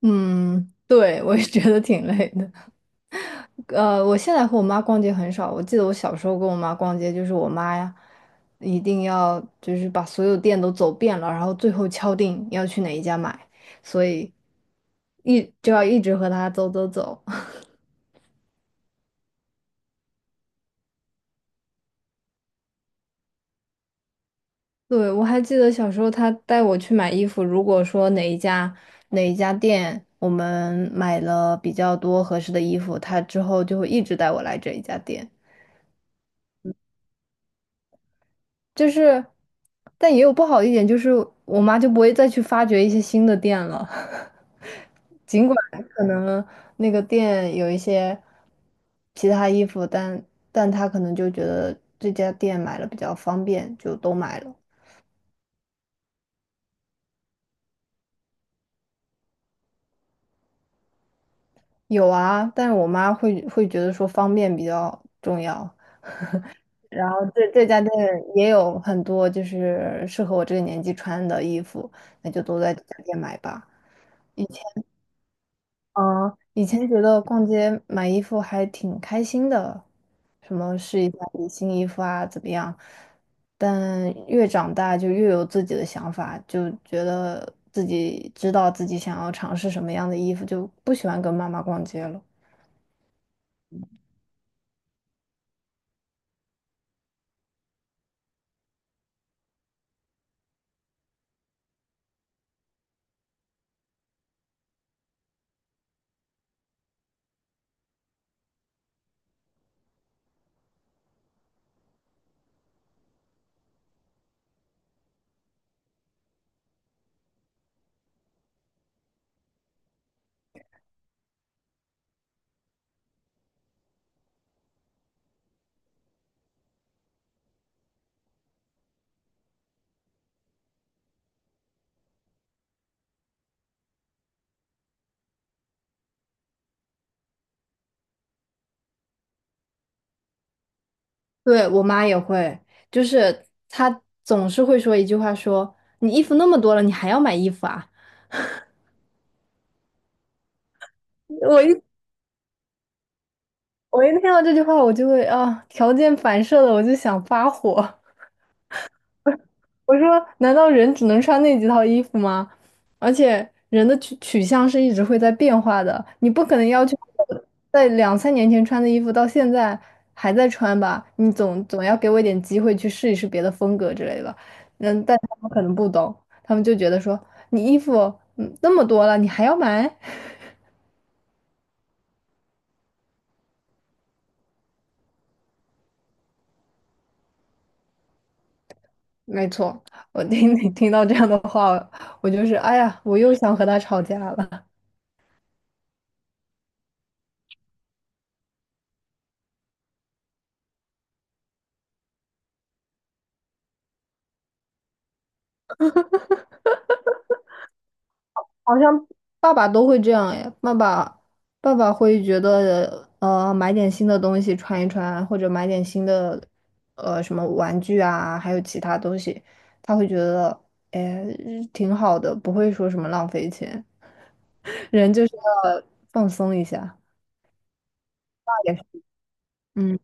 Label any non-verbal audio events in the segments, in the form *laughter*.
嗯，对，我也觉得挺累的。我现在和我妈逛街很少。我记得我小时候跟我妈逛街，就是我妈呀，一定要就是把所有店都走遍了，然后最后敲定要去哪一家买，所以一就要一直和她走走走。*laughs* 对，我还记得小时候她带我去买衣服，如果说哪一家店我们买了比较多合适的衣服，她之后就会一直带我来这一家店。就是，但也有不好的一点，就是我妈就不会再去发掘一些新的店了。*laughs* 尽管可能那个店有一些其他衣服，但她可能就觉得这家店买了比较方便，就都买了。有啊，但是我妈会觉得说方便比较重要。然后这家店也有很多就是适合我这个年纪穿的衣服，那就都在这家店买吧。嗯，以前觉得逛街买衣服还挺开心的，什么试一下底新衣服啊，怎么样？但越长大就越有自己的想法，就觉得自己知道自己想要尝试什么样的衣服，就不喜欢跟妈妈逛街了。对，我妈也会，就是她总是会说一句话说，你衣服那么多了，你还要买衣服啊？我一我一听到这句话，我就会啊，条件反射的，我就想发火。我说，难道人只能穿那几套衣服吗？而且人的取向是一直会在变化的，你不可能要求我在两三年前穿的衣服到现在还在穿吧？你总要给我一点机会去试一试别的风格之类的。嗯，但他们可能不懂，他们就觉得说你衣服那么多了，你还要买？*laughs* 没错，你听到这样的话，我就是哎呀，我又想和他吵架了。好像爸爸都会这样哎，爸爸会觉得买点新的东西穿一穿，或者买点新的什么玩具啊，还有其他东西，他会觉得哎挺好的，不会说什么浪费钱，*laughs* 人就是要放松一下。也是嗯，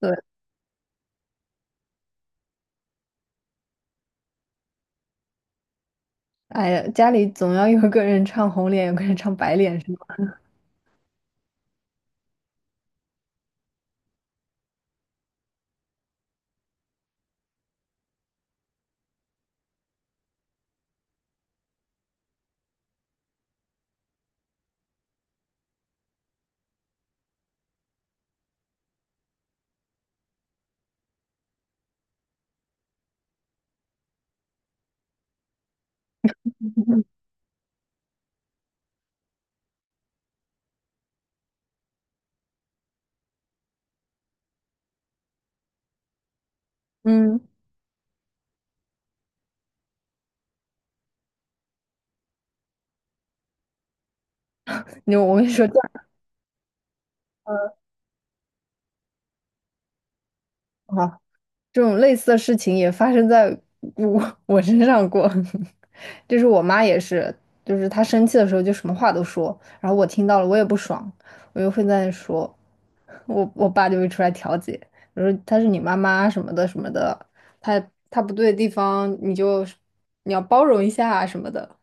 对，哎呀，家里总要有个人唱红脸，有个人唱白脸是吗？*laughs* 嗯，我跟你说这样，嗯好。这种类似的事情也发生在我 *laughs* 我身上过，*laughs* 就是我妈也是，就是她生气的时候就什么话都说，然后我听到了我也不爽，我就会在那说，*laughs* 我爸就会出来调解，我说她是你妈妈什么的什么的，她她不对的地方你要包容一下啊什么的。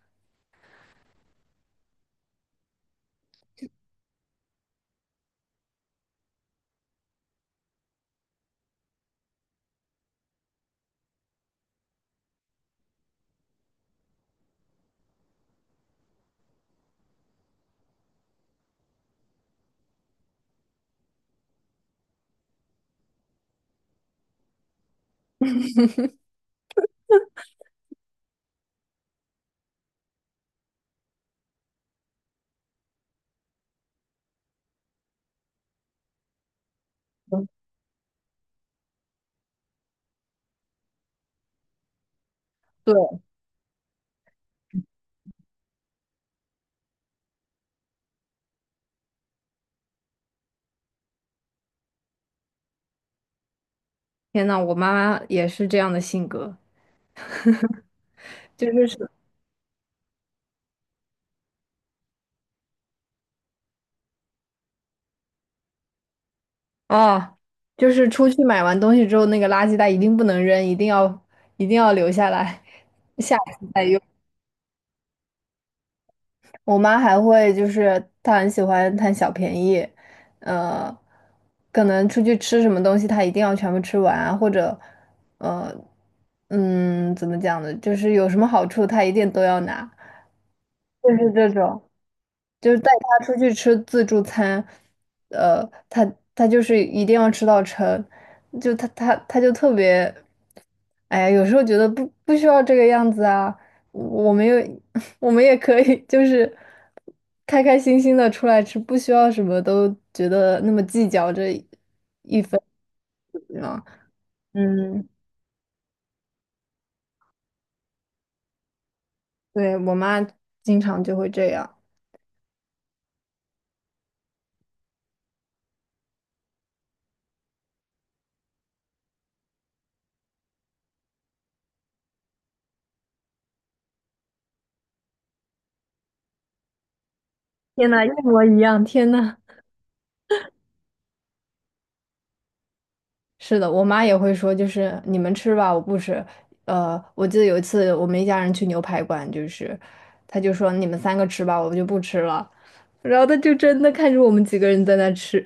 对，天呐，我妈也是这样的性格，就是。哦，就是出去买完东西之后，那个垃圾袋一定不能扔，一定要留下来，下一次再用。我妈还会就是她很喜欢贪小便宜，呃，可能出去吃什么东西，她一定要全部吃完啊或者呃，嗯，怎么讲呢？就是有什么好处，她一定都要拿，就是这种。就是带他出去吃自助餐，呃，他就是一定要吃到撑，就他就特别，哎呀，有时候觉得不需要这个样子啊，我们也 *laughs* 我们也可以就是开开心心的出来吃，不需要什么都觉得那么计较这啊，嗯，对，我妈经常就会这样，天呐，一模一样，天呐。是的，我妈也会说，就是你们吃吧，我不吃。呃，我记得有一次我们一家人去牛排馆，就是她就说你们三个吃吧，我就不吃了。然后她就真的看着我们几个人在那吃。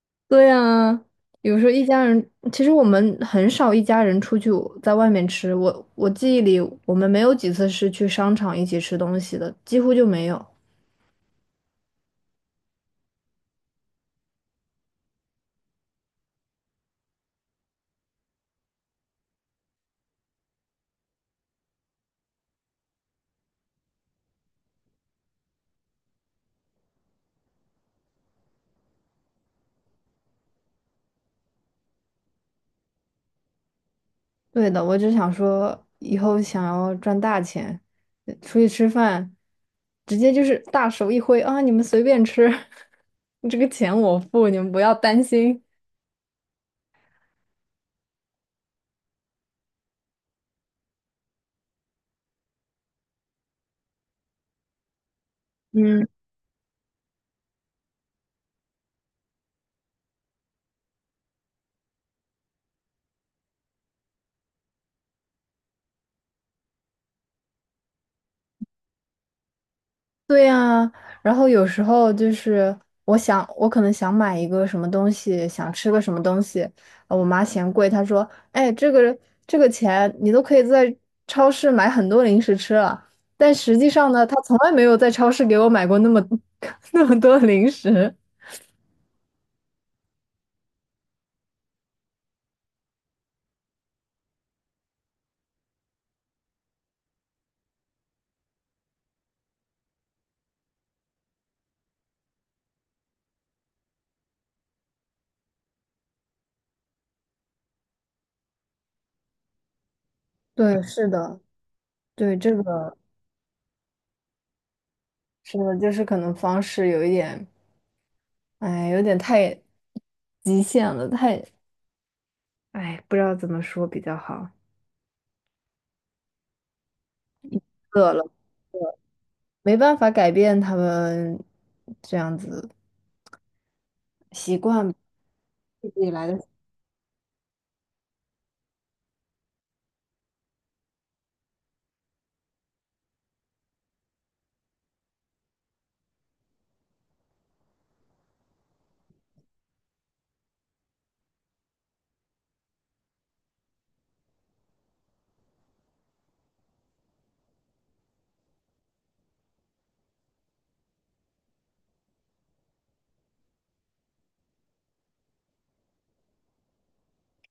*laughs* 对呀，有时候一家人，其实我们很少一家人出去在外面吃。我记忆里，我们没有几次是去商场一起吃东西的，几乎就没有。对的，我只想说，以后想要赚大钱，出去吃饭，直接就是大手一挥啊，你们随便吃，*laughs* 这个钱我付，你们不要担心。嗯对呀，然后有时候就是我想，我可能想买一个什么东西，想吃个什么东西，我妈嫌贵，她说："哎，这个钱你都可以在超市买很多零食吃了。"但实际上呢，她从来没有在超市给我买过那么 *laughs* 那么多零食。对，是的，对这个是的，就是可能方式有一点，哎，有点太极限了，太，哎，不知道怎么说比较好，*laughs* 饿了，没办法改变他们这样子习惯自己来的。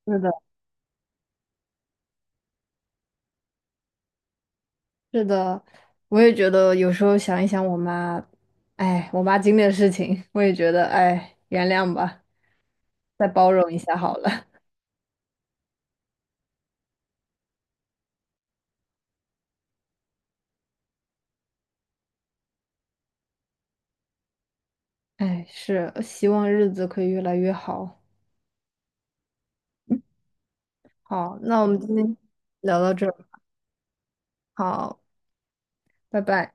是的，是的，我也觉得有时候想一想我妈，哎，我妈经历的事情，我也觉得，哎，原谅吧，再包容一下好了。*laughs* 哎，是，希望日子可以越来越好。好，那我们今天聊到这儿。好，拜拜。